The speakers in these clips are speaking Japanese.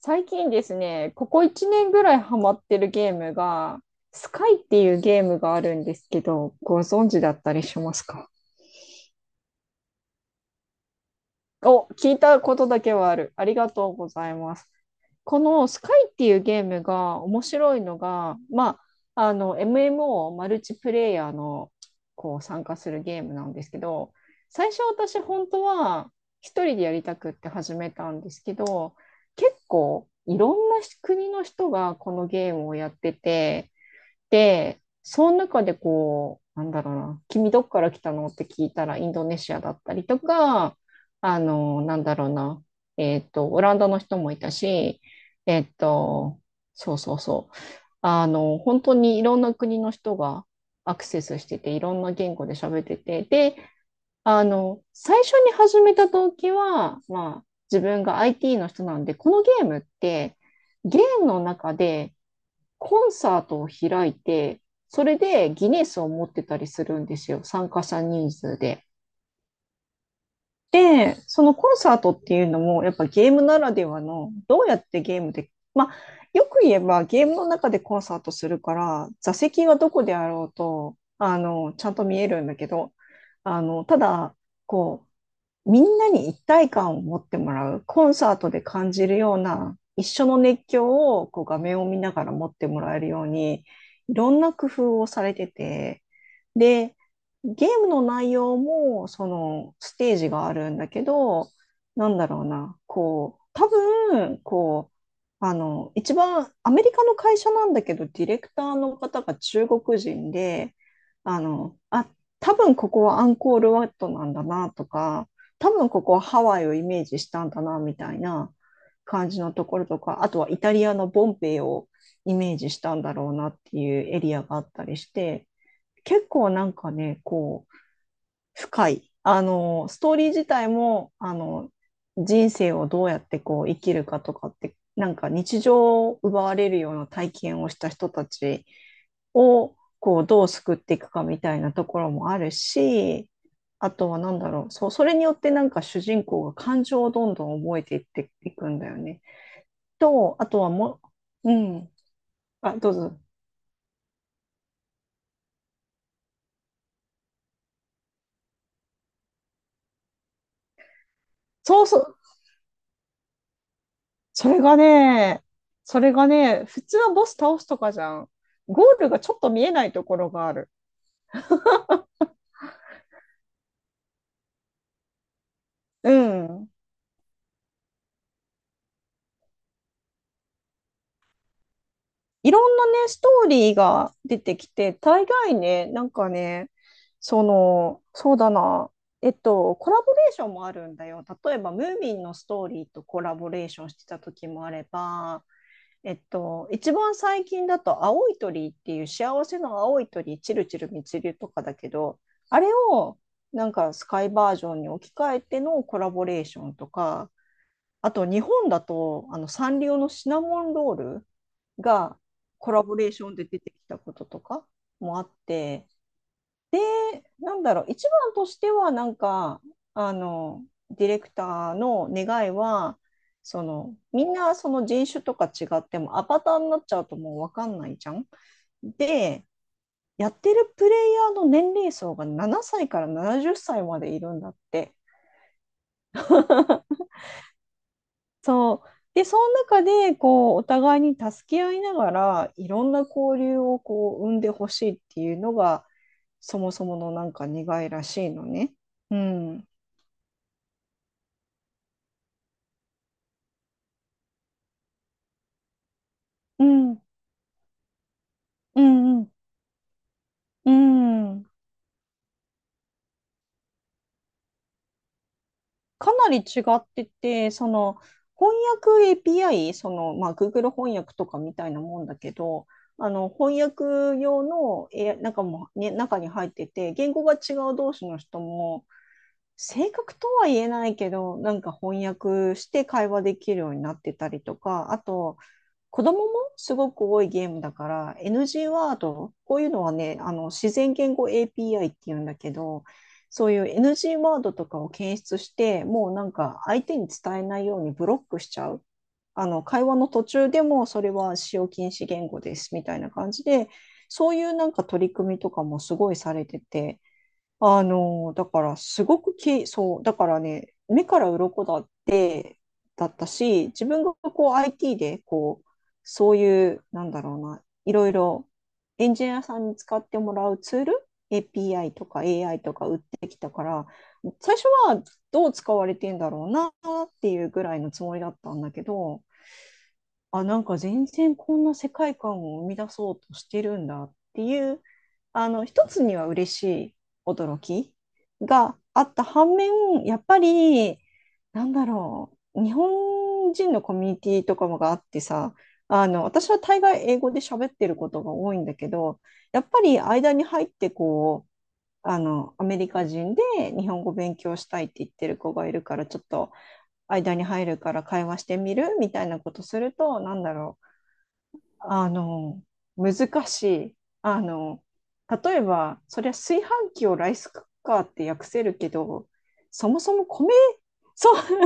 最近ですね、ここ1年ぐらいハマってるゲームが、スカイっていうゲームがあるんですけど、ご存知だったりしますか？お、聞いたことだけはある。ありがとうございます。このスカイっていうゲームが面白いのが、MMO マルチプレイヤーのこう参加するゲームなんですけど、最初私本当は一人でやりたくって始めたんですけど、結構いろんな国の人がこのゲームをやってて、で、その中でこう、なんだろうな、君どっから来たのって聞いたらインドネシアだったりとか、あの、なんだろうな、えっと、オランダの人もいたし、えっと、そうそうそう。本当にいろんな国の人がアクセスしてて、いろんな言語で喋ってて、で、最初に始めた時は、自分が IT の人なんで、このゲームって、ゲームの中でコンサートを開いて、それでギネスを持ってたりするんですよ、参加者人数で。で、そのコンサートっていうのも、やっぱゲームならではの、どうやってゲームで、よく言えばゲームの中でコンサートするから、座席はどこであろうと、ちゃんと見えるんだけど、ただ、こう、みんなに一体感を持ってもらう、コンサートで感じるような、一緒の熱狂をこう画面を見ながら持ってもらえるように、いろんな工夫をされてて、で、ゲームの内容も、その、ステージがあるんだけど、なんだろうな、こう、多分、こう、一番アメリカの会社なんだけど、ディレクターの方が中国人で、あの、あ、多分ここはアンコールワットなんだなとか、多分ここはハワイをイメージしたんだな、みたいな感じのところとか、あとはイタリアのボンペイをイメージしたんだろうなっていうエリアがあったりして、結構なんかね、こう、深い。ストーリー自体も、人生をどうやってこう生きるかとかって、なんか日常を奪われるような体験をした人たちをこうどう救っていくかみたいなところもあるし、あとは何だろう、そう、それによってなんか主人公が感情をどんどん覚えていっていくんだよね。と、あとはもう、うん、あ、どうぞ。そうそう、それがね、それがね、普通はボス倒すとかじゃん。ゴールがちょっと見えないところがある。うん。いろんなね、ストーリーが出てきて、大概ね、なんかね、その、そうだな、コラボレーションもあるんだよ。例えば、ムーミンのストーリーとコラボレーションしてた時もあれば、一番最近だと、青い鳥っていう幸せの青い鳥、チルチルミちるとかだけど、あれをなんかスカイバージョンに置き換えてのコラボレーションとか、あと日本だと、あのサンリオのシナモンロールがコラボレーションで出てきたこととかもあって、なんだろう、一番としてはなんか、あの、ディレクターの願いは、そのみんなその人種とか違ってもアバターになっちゃうともう分かんないじゃん。で、やってるプレイヤーの年齢層が7歳から70歳までいるんだって。そう。で、その中で、こう、お互いに助け合いながら、いろんな交流をこう、生んでほしいっていうのが、そもそものなんか願いらしいのね。うん。うん。うん。うん。うん。かなり違ってて、その、翻訳 API、その、Google 翻訳とかみたいなもんだけど、翻訳用の、なんかも、ね、中に入ってて、言語が違う同士の人も、正確とは言えないけど、なんか翻訳して会話できるようになってたりとか、あと、子供もすごく多いゲームだから、NG ワード、こういうのはね、自然言語 API っていうんだけど、そういう NG ワードとかを検出して、もうなんか相手に伝えないようにブロックしちゃう。会話の途中でもそれは使用禁止言語ですみたいな感じで、そういうなんか取り組みとかもすごいされてて、あの、だからすごくき、そう、だからね、目から鱗だって、だったし、自分がこう IT で、こう、そういう、なんだろうな、いろいろエンジニアさんに使ってもらうツール、API とか AI とか売ってきたから、最初はどう使われてんだろうなっていうぐらいのつもりだったんだけど、あ、なんか全然こんな世界観を生み出そうとしてるんだっていう、一つには嬉しい驚きがあった反面、やっぱり、なんだろう、日本人のコミュニティとかもがあってさ、私は大概英語で喋ってることが多いんだけど、やっぱり間に入ってこう、アメリカ人で日本語勉強したいって言ってる子がいるから、ちょっと間に入るから会話してみるみたいなことすると、なんだろう、あの、難しい。あの、例えば、そりゃ炊飯器をライスクッカーって訳せるけど、そもそも米、そう、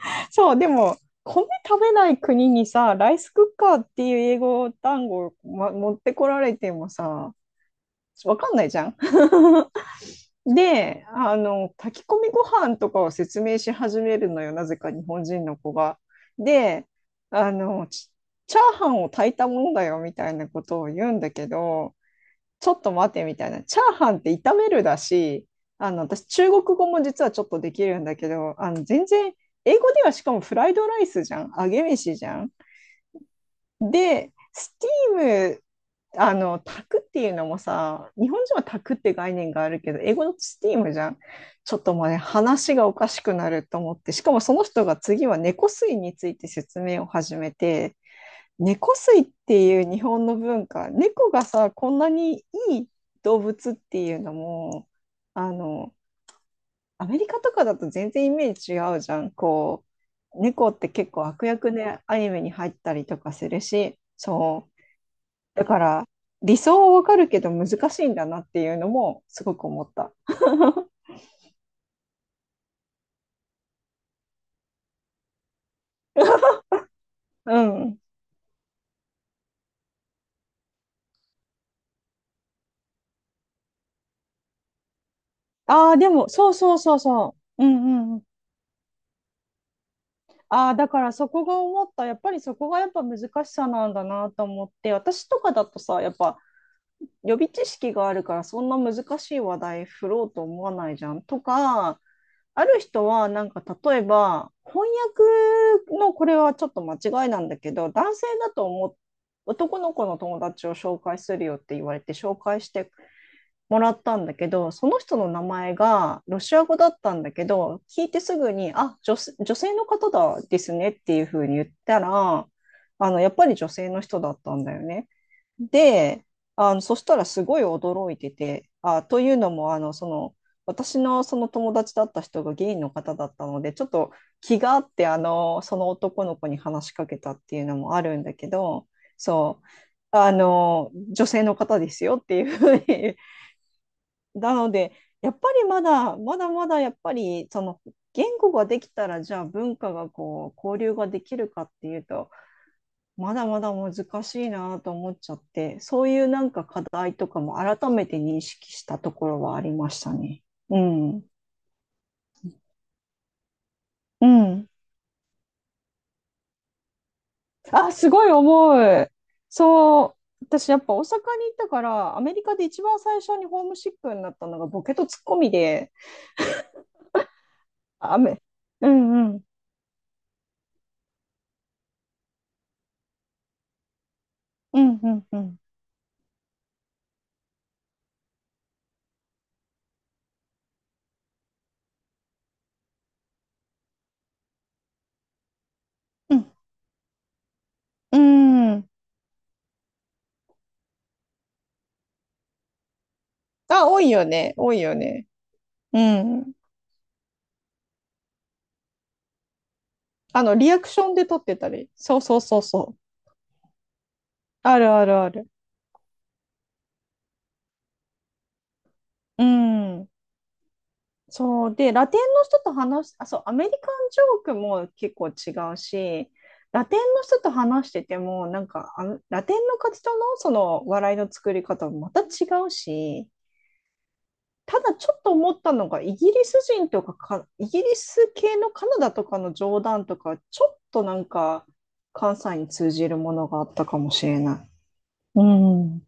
そう、でも、米食べない国にさ、ライスクッカーっていう英語単語を、持ってこられてもさ、わかんないじゃん。で、炊き込みご飯とかを説明し始めるのよ、なぜか日本人の子が。で、あの、チチャーハンを炊いたものだよみたいなことを言うんだけど、ちょっと待てみたいな。チャーハンって炒めるだし、私、中国語も実はちょっとできるんだけど、全然、英語ではしかもフライドライスじゃん。揚げ飯じゃん。で、スティーム、炊くっていうのもさ、日本人は炊くって概念があるけど、英語のスティームじゃん。ちょっともうね、話がおかしくなると思って、しかもその人が次は猫吸いについて説明を始めて、猫吸いっていう日本の文化、猫がさ、こんなにいい動物っていうのも、あの、アメリカとかだと全然イメージ違うじゃん。こう、猫って結構悪役でアニメに入ったりとかするし、そう。だから、理想はわかるけど難しいんだなっていうのもすごく思った。うん。ああ、でも、そうそうそうそう。うんうんうん。ああ、だからそこが思った、やっぱりそこがやっぱ難しさなんだなと思って、私とかだとさ、やっぱ予備知識があるからそんな難しい話題振ろうと思わないじゃん。とか、ある人はなんか例えば翻訳のこれはちょっと間違いなんだけど、男性だと思う男の子の友達を紹介するよって言われて紹介してもらったんだけど、その人の名前がロシア語だったんだけど、聞いてすぐに、あ、女性の方だですねっていうふうに言ったら、やっぱり女性の人だったんだよね。で、そしたらすごい驚いてて、あ、というのも、私のその友達だった人がゲイの方だったので、ちょっと気があって、その男の子に話しかけたっていうのもあるんだけど、そう。女性の方ですよっていうふうに。なので、やっぱりまだまだやっぱり、その言語ができたら、じゃあ文化がこう、交流ができるかっていうと、まだまだ難しいなと思っちゃって、そういうなんか課題とかも改めて認識したところはありましたね。うん。うん。あ、すごい重い。そう。私やっぱ大阪に行ったから、アメリカで一番最初にホームシックになったのがボケとツッコミで、あ雨。うんうん。うんうんうん。うん。うん、あ、多いよね。多いよね。うん。リアクションで撮ってたり。そうそうそうそう。あるあるある。うん。そう。で、ラテンの人と話し、あ、そう、アメリカンジョークも結構違うし、ラテンの人と話してても、なんか、ラテンの活動のその笑いの作り方もまた違うし、ただちょっと思ったのが、イギリス系のカナダとかの冗談とか、ちょっとなんか、関西に通じるものがあったかもしれない。うん。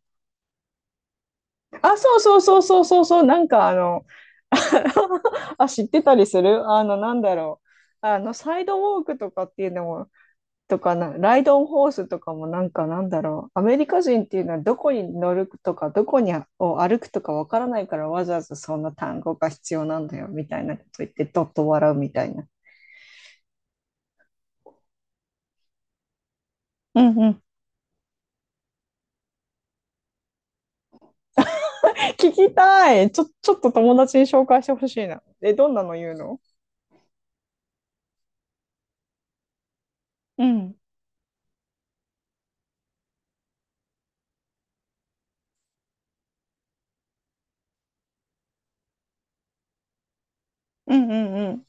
あ、そうそうそうそうそうそう、あ、知ってたりするあの、なんだろう。サイドウォークとかっていうのも、とかな、ライドオンホースとかもなんかなんだろう。アメリカ人っていうのはどこに乗るとか、どこにあを歩くとかわからないからわざわざそんな単語が必要なんだよみたいなこと言ってどっと笑うみたいな。うんうん。聞きたい。ちょっと友達に紹介してほしいな。え、どんなの言うの？うん。うんうんうん。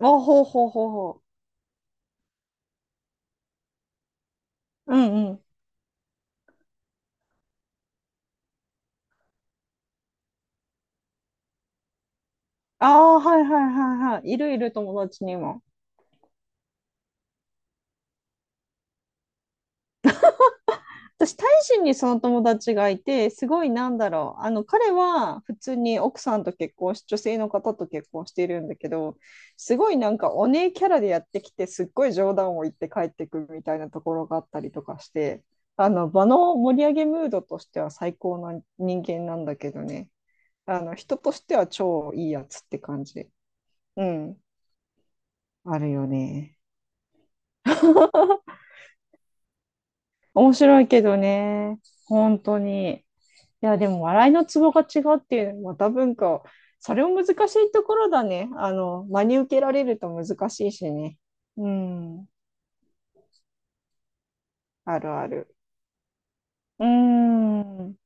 あ、ほうほうほうほう。うんうん。ああ、はいはいはいはい。いるいる友達にも。私、タイ人にその友達がいて、すごいなんだろう。彼は普通に奥さんと結婚し、女性の方と結婚しているんだけど、すごいなんかお姉キャラでやってきて、すっごい冗談を言って帰ってくるみたいなところがあったりとかして、場の盛り上げムードとしては最高な人間なんだけどね。人としては超いいやつって感じ。うん。あるよね。面白いけどね、本当に。いや、でも笑いのツボが違うっていうのはまた文化、それも難しいところだね。真に受けられると難しいしね。うん、あるある。うん。